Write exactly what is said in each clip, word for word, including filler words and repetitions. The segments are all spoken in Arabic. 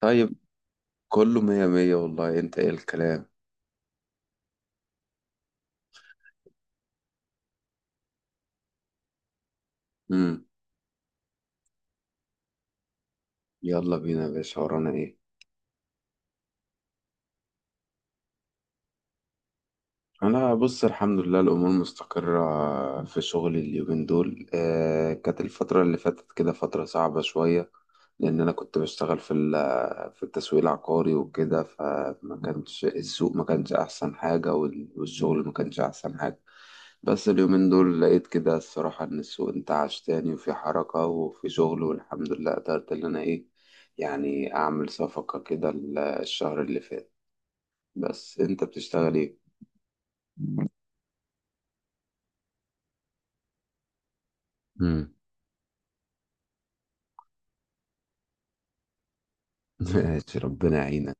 طيب، كله مية مية. والله انت ايه الكلام؟ امم. يلا بينا يا باشا، ورانا ايه؟ انا بص، الحمد لله الامور مستقره في شغلي اليومين دول. آه، كانت الفتره اللي فاتت كده فتره صعبه شويه، لان انا كنت بشتغل في ال- في التسويق العقاري وكده، فما كانش السوق ما كانش احسن حاجه، وال- والشغل ما كانش احسن حاجه. بس اليومين دول لقيت كده الصراحه ان السوق انتعش تاني وفي حركه وفي شغل، والحمد لله قدرت ان انا ايه، يعني اعمل صفقه كده ال- الشهر اللي فات. بس انت بتشتغل ايه؟ مم. ماشي، ربنا يعينك.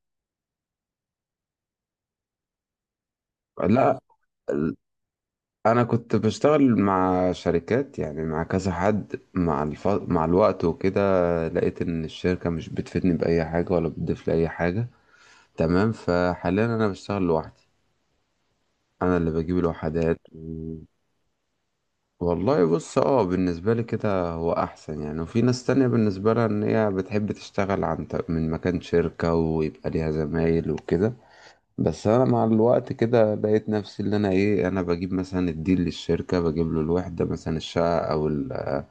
لا، ال- انا كنت بشتغل مع شركات، يعني مع كذا حد، مع الف... مع الوقت وكده، لقيت ان الشركة مش بتفيدني بأي حاجة ولا بتضيف لي اي حاجة. تمام، فحاليا انا بشتغل لوحدي. انا اللي بجيب الوحدات و... والله بص اه، بالنسبة لي كده هو احسن يعني، وفي ناس تانية بالنسبة لها ان هي بتحب تشتغل عن ط- من مكان شركة ويبقى ليها زمايل وكده. بس انا مع الوقت كده لقيت نفسي اللي انا ايه، انا بجيب مثلا الديل للشركة، بجيب له الوحدة، مثلا الشقة او ال-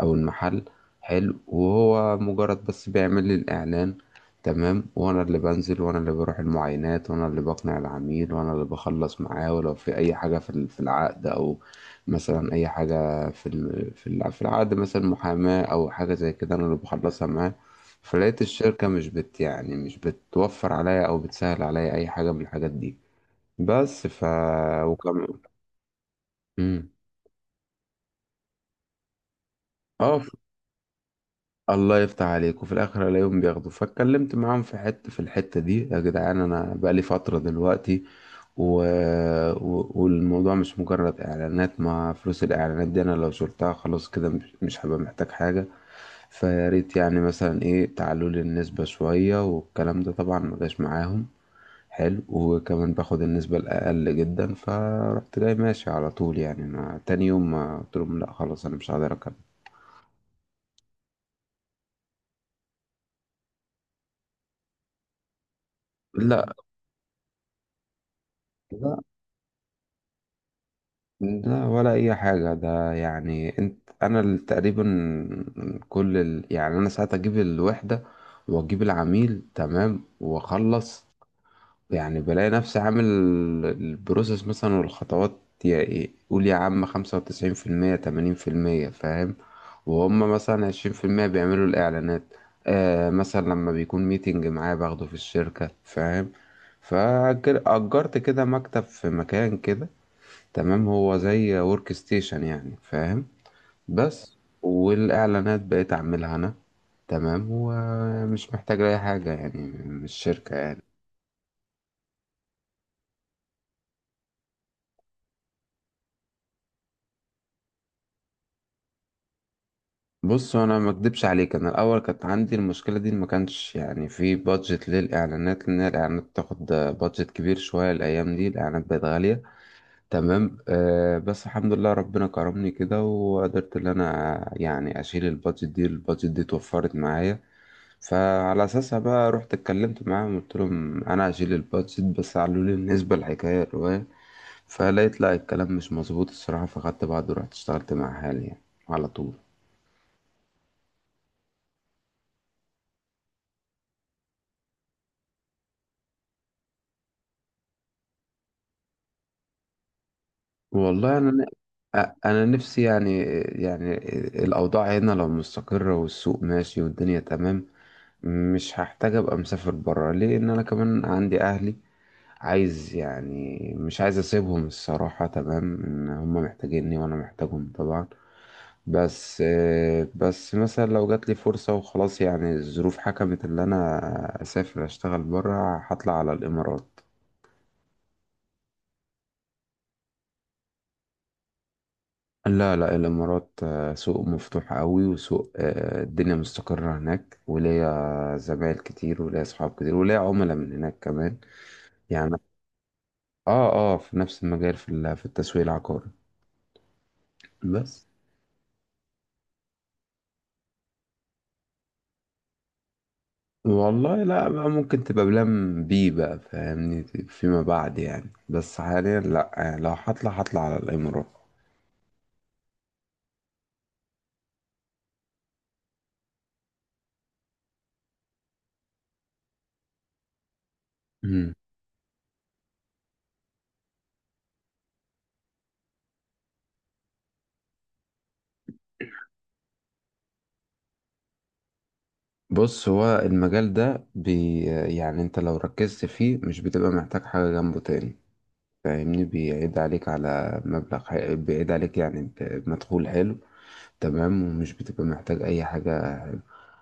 او المحل. حلو، وهو مجرد بس بيعمل لي الاعلان. تمام، وانا اللي بنزل وانا اللي بروح المعاينات وانا اللي بقنع العميل وانا اللي بخلص معاه، ولو في اي حاجة في ال- في العقد، او مثلا اي حاجة في ال- في الع- في العقد، مثلا محاماة او حاجة زي كده، انا اللي بخلصها معاه. فلقيت الشركة مش بت يعني مش بتوفر عليا أو بتسهل عليا أي حاجة من الحاجات دي. بس ف وكم. مم. اه ف- الله يفتح عليك، وفي الآخر ألاقيهم بياخدوا، فاتكلمت معاهم في حتة، في الحتة دي يا جدعان أنا بقالي فترة دلوقتي و... و... والموضوع مش مجرد إعلانات، ما فلوس الإعلانات دي أنا لو شلتها خلاص كده مش مش هبقى محتاج حاجة. فياريت يعني مثلا إيه، تعالوا لي النسبة شوية. والكلام ده طبعا ما جاش معاهم. حلو، وكمان باخد النسبة الأقل جدا، فرحت جاي ماشي على طول يعني، ما تاني يوم ما قلت لهم لا خلاص أنا مش هقدر أكمل. لا لا. لا ولا أي حاجة، ده يعني أنت أنا ال- تقريبا كل ال... يعني أنا ساعات أجيب الوحدة وأجيب العميل، تمام، وأخلص. يعني بلاقي نفسي عامل البروسيس مثلا والخطوات، يا إيه، قول يا عم خمسة وتسعين في المية، تمانين في المية، فاهم؟ وهم مثلا عشرين في المية بيعملوا الإعلانات. آه مثلا لما بيكون ميتنج معايا باخده في الشركة فاهم، فأجرت كده مكتب في مكان كده، تمام، هو زي ورك ستيشن يعني، فاهم؟ بس. والإعلانات بقيت أعملها أنا، تمام، ومش محتاج أي حاجة يعني من الشركة. بص انا ما اكدبش عليك، انا الاول كانت عندي المشكله دي، ما كانش يعني في بادجت للاعلانات، لان الاعلانات بتاخد بادجت كبير شويه. الايام دي الاعلانات بقت غاليه، تمام. آه بس الحمد لله ربنا كرمني كده، وقدرت ان انا يعني اشيل البادجت دي. البادجت دي اتوفرت معايا، فعلى اساسها بقى رحت اتكلمت معاهم، قلت لهم انا هشيل البادجت، بس قالوا لي بالنسبه للحكايه الروايه، فلقيت لا الكلام مش مظبوط الصراحه، فخدت بعض ورحت اشتغلت مع حالي يعني على طول. والله انا أ- انا نفسي يعني، يعني الاوضاع هنا لو مستقره والسوق ماشي والدنيا تمام، مش هحتاج ابقى مسافر بره، ليه؟ ان انا كمان عندي اهلي، عايز يعني، مش عايز اسيبهم الصراحه، تمام، ان هم محتاجيني وانا محتاجهم طبعا. بس، بس مثلا لو جات لي فرصه وخلاص يعني، الظروف حكمت ان انا اسافر اشتغل بره، هطلع على الامارات. لا لا، الإمارات آه، سوق مفتوح قوي، وسوق آه، الدنيا مستقرة هناك، وليا زمايل كتير وليا أصحاب كتير وليا عملاء من هناك كمان. يعني اه، اه، في نفس المجال في ال- في التسويق العقاري. بس. والله لا بقى، ممكن تبقى بلان بي بقى فاهمني، فيما بعد يعني، بس حاليا لا يعني، لو هطلع هطلع على الإمارات. مم. بص هو المجال ده بي، يعني انت لو ركزت فيه مش بتبقى محتاج حاجة جنبه تاني، فاهمني؟ بيعيد عليك على مبلغ حي... بيعيد عليك يعني ب- بمدخول حلو، تمام، ومش بتبقى محتاج اي حاجة. حلو.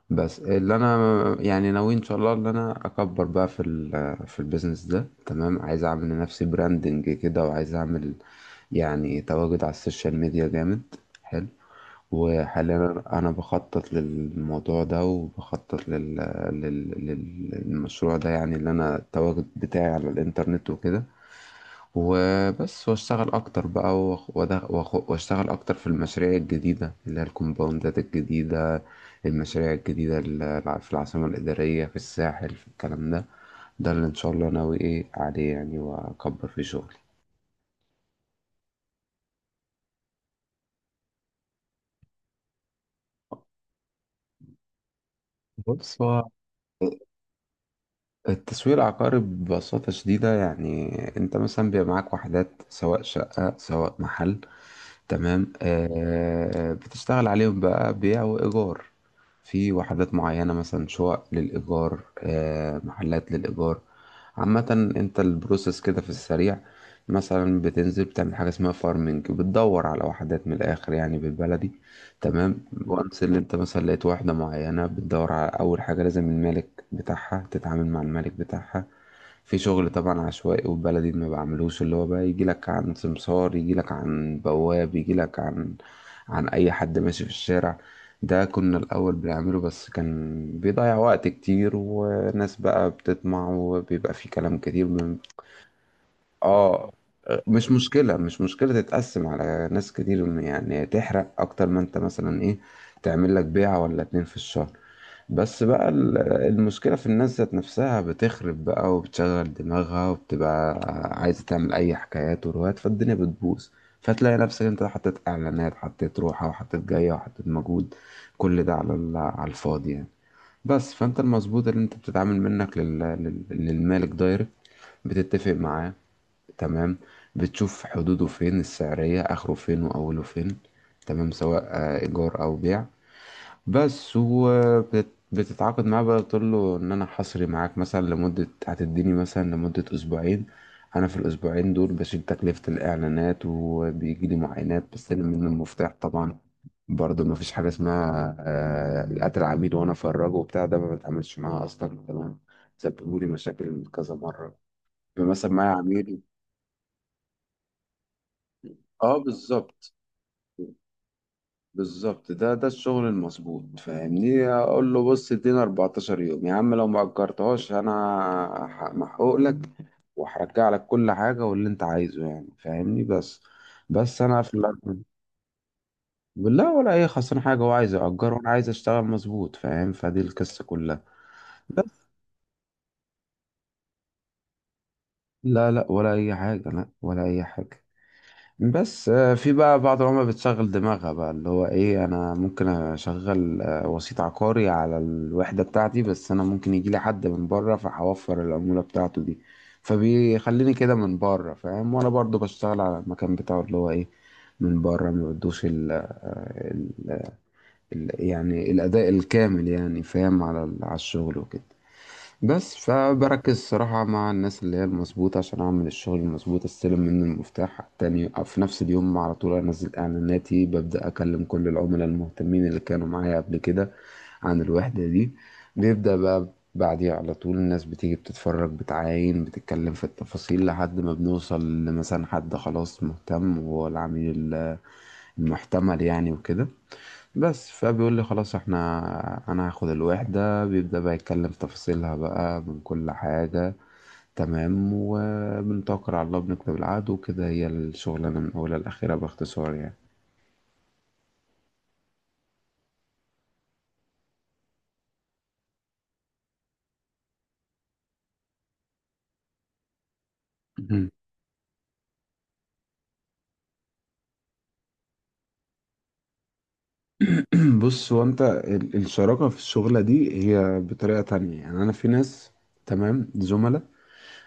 بس اللي انا يعني ناوي ان شاء الله ان انا اكبر بقى في ال... في البيزنس ده، تمام، عايز اعمل لنفسي براندنج كده، وعايز اعمل يعني تواجد على السوشيال ميديا جامد. حلو. وحاليا انا أنا بخطط للموضوع ده، وبخطط لل... لل... لل- للمشروع ده، يعني اللي انا التواجد بتاعي على الانترنت وكده. وبس واشتغل اكتر بقى، وأخ- وأدغ- وأخ- واشتغل اكتر في المشاريع الجديده اللي هي الكومباوندات الجديده، المشاريع الجديده الع- في العاصمه الاداريه، في الساحل، في الكلام ده. ده اللي ان شاء الله ناوي ايه عليه يعني، واكبر في شغلي. بص هو التسويق العقاري ببساطه شديده يعني، انت مثلا بيبقى معاك وحدات، سواء شقه سواء محل، تمام، آه بتشتغل عليهم بقى بيع وإيجار. في وحدات معينة، مثلا شقق للإيجار، آه، محلات للإيجار عامة. انت البروسيس كده في السريع، مثلا بتنزل بتعمل حاجة اسمها فارمنج، بتدور على وحدات، من الآخر يعني بالبلدي، تمام. وانس اللي انت مثلا لقيت واحدة معينة بتدور على، أول حاجة لازم المالك بتاعها، تتعامل مع المالك بتاعها. في شغل طبعا عشوائي وبلدي ما بعملوش، اللي هو بقى يجي لك عن سمسار، يجي لك عن بواب، يجي لك عن، عن اي حد ماشي في الشارع. ده كنا الاول بنعمله، بس كان بيضيع وقت كتير، وناس بقى بتطمع وبيبقى في كلام كتير من، اه. مش مشكلة، مش مشكلة تتقسم على ناس كتير يعني، تحرق اكتر ما انت مثلا ايه، تعمل لك بيعة ولا اتنين في الشهر. بس بقى ال- المشكلة في الناس ذات نفسها، بتخرب بقى وبتشغل دماغها وبتبقى عايزة تعمل أي حكايات وروايات، فالدنيا بتبوظ. فتلاقي نفسك أنت حطيت إعلانات، حطيت روحة وحطيت جاية وحطيت مجهود، كل ده على ال- على الفاضي يعني. بس، فأنت المظبوط اللي أنت بتتعامل منك لل... لل... للمالك دايركت، بتتفق معاه، تمام، بتشوف حدوده فين، السعرية آخره فين وأوله فين، تمام، سواء آه، إيجار أو بيع. بس، وبتتعاقد معاه بقى تقول له ان انا حصري معاك مثلا لمدة، هتديني مثلا لمدة اسبوعين. انا في الاسبوعين دول بشيل تكلفة الاعلانات، وبيجي لي معاينات، بستلم منه المفتاح طبعا. برضه ما فيش حاجة اسمها آه، قتل عميل وانا افرجه وبتاع، ده ما بتعاملش معاه اصلا كمان، سببوا لي مشاكل كذا مرة. مثلا معايا عميل، اه بالظبط بالظبط. ده ده الشغل المظبوط فاهمني، اقول له بص ادينا 14 يوم يا عم، لو ما اجرتهاش انا ح- محقوق لك، وهرجع لك كل حاجه واللي انت عايزه يعني، فاهمني؟ بس، بس انا في الأرض- بالله، ولا اي خسران حاجه، هو عايز يأجر وانا عايز اشتغل مظبوط، فاهم؟ فدي القصه كلها. بس. لا لا، ولا اي حاجه، لا ولا اي حاجه. بس آه، في بقى بعض العملاء بتشغل دماغها بقى، اللي هو ايه، انا ممكن اشغل آه، وسيط عقاري على الوحدة بتاعتي، بس انا ممكن يجي لي حد من بره فهوفر العمولة بتاعته دي، فبيخليني كده من بره فاهم، وانا برضو بشتغل على المكان بتاعه اللي هو ايه، من بره ما بدوش ال آه، ال- ال- يعني الاداء الكامل يعني، فاهم؟ على ال- على الشغل وكده. بس، فبركز الصراحة مع الناس اللي هي المظبوطة عشان أعمل الشغل المظبوط، أستلم منه المفتاح على التاني في نفس اليوم، على طول أنزل إعلاناتي، ببدأ أكلم كل العملاء المهتمين اللي كانوا معايا قبل كده عن الوحدة دي. بيبدأ بقى بعديها على طول، الناس بتيجي بتتفرج بتعاين بتتكلم في التفاصيل، لحد ما بنوصل لمثلا حد خلاص مهتم، وهو العميل المحتمل يعني وكده. بس، فبيقول لي خلاص احنا، انا هاخد الوحدة، بيبدأ بقى يتكلم في تفاصيلها بقى من كل حاجة، تمام، وبنتوكل على الله بنكتب العقد وكده. هي الشغلانة من أولها لآخرها باختصار يعني. مهم. بص هو انت ال- الشراكة في الشغلة دي هي بطريقة تانية يعني، انا في ناس، تمام، زملاء،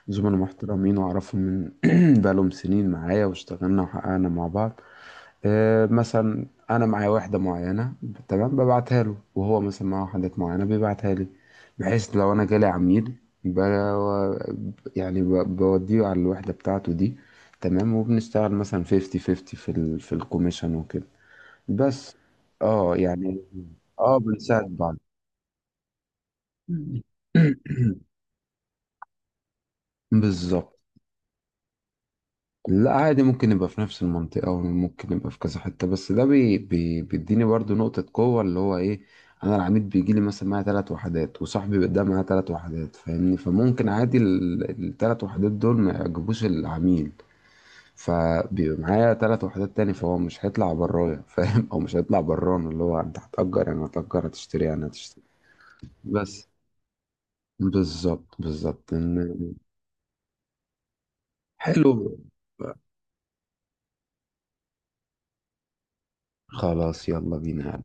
زملاء محترمين واعرفهم من بقالهم سنين، معايا واشتغلنا وحققنا مع بعض. آه، مثلا انا معايا واحده معينه، تمام، ببعتها له، وهو مثلا معاه وحدات معينه بيبعتها لي، بحيث لو انا جالي عميل ب... يعني ب... بوديه على الوحده بتاعته دي، تمام، وبنشتغل مثلا خمسين خمسين في ال... في الكوميشن وكده. بس. اه يعني. اه بنساعد بعض. بالظبط. لا عادي، ممكن يبقى في نفس المنطقة، وممكن يبقى في كذا حتة، بس ده بي بي بيديني برضو نقطة قوة اللي هو ايه، انا العميد بيجي لي مثلا معايا ثلاث وحدات، وصاحبي ده معاه ثلاث وحدات، فاهمني؟ فممكن عادي الثلاث وحدات دول ما يعجبوش العميل، فبيبقى معايا ثلاث وحدات تاني، فهو مش هيطلع برايا فاهم، او مش هيطلع برانا، اللي هو انت هتأجر يعني هتأجر، هتشتري يعني هتشتري. بس، بالظبط بالظبط إن- حلو. خلاص، يلا بينا.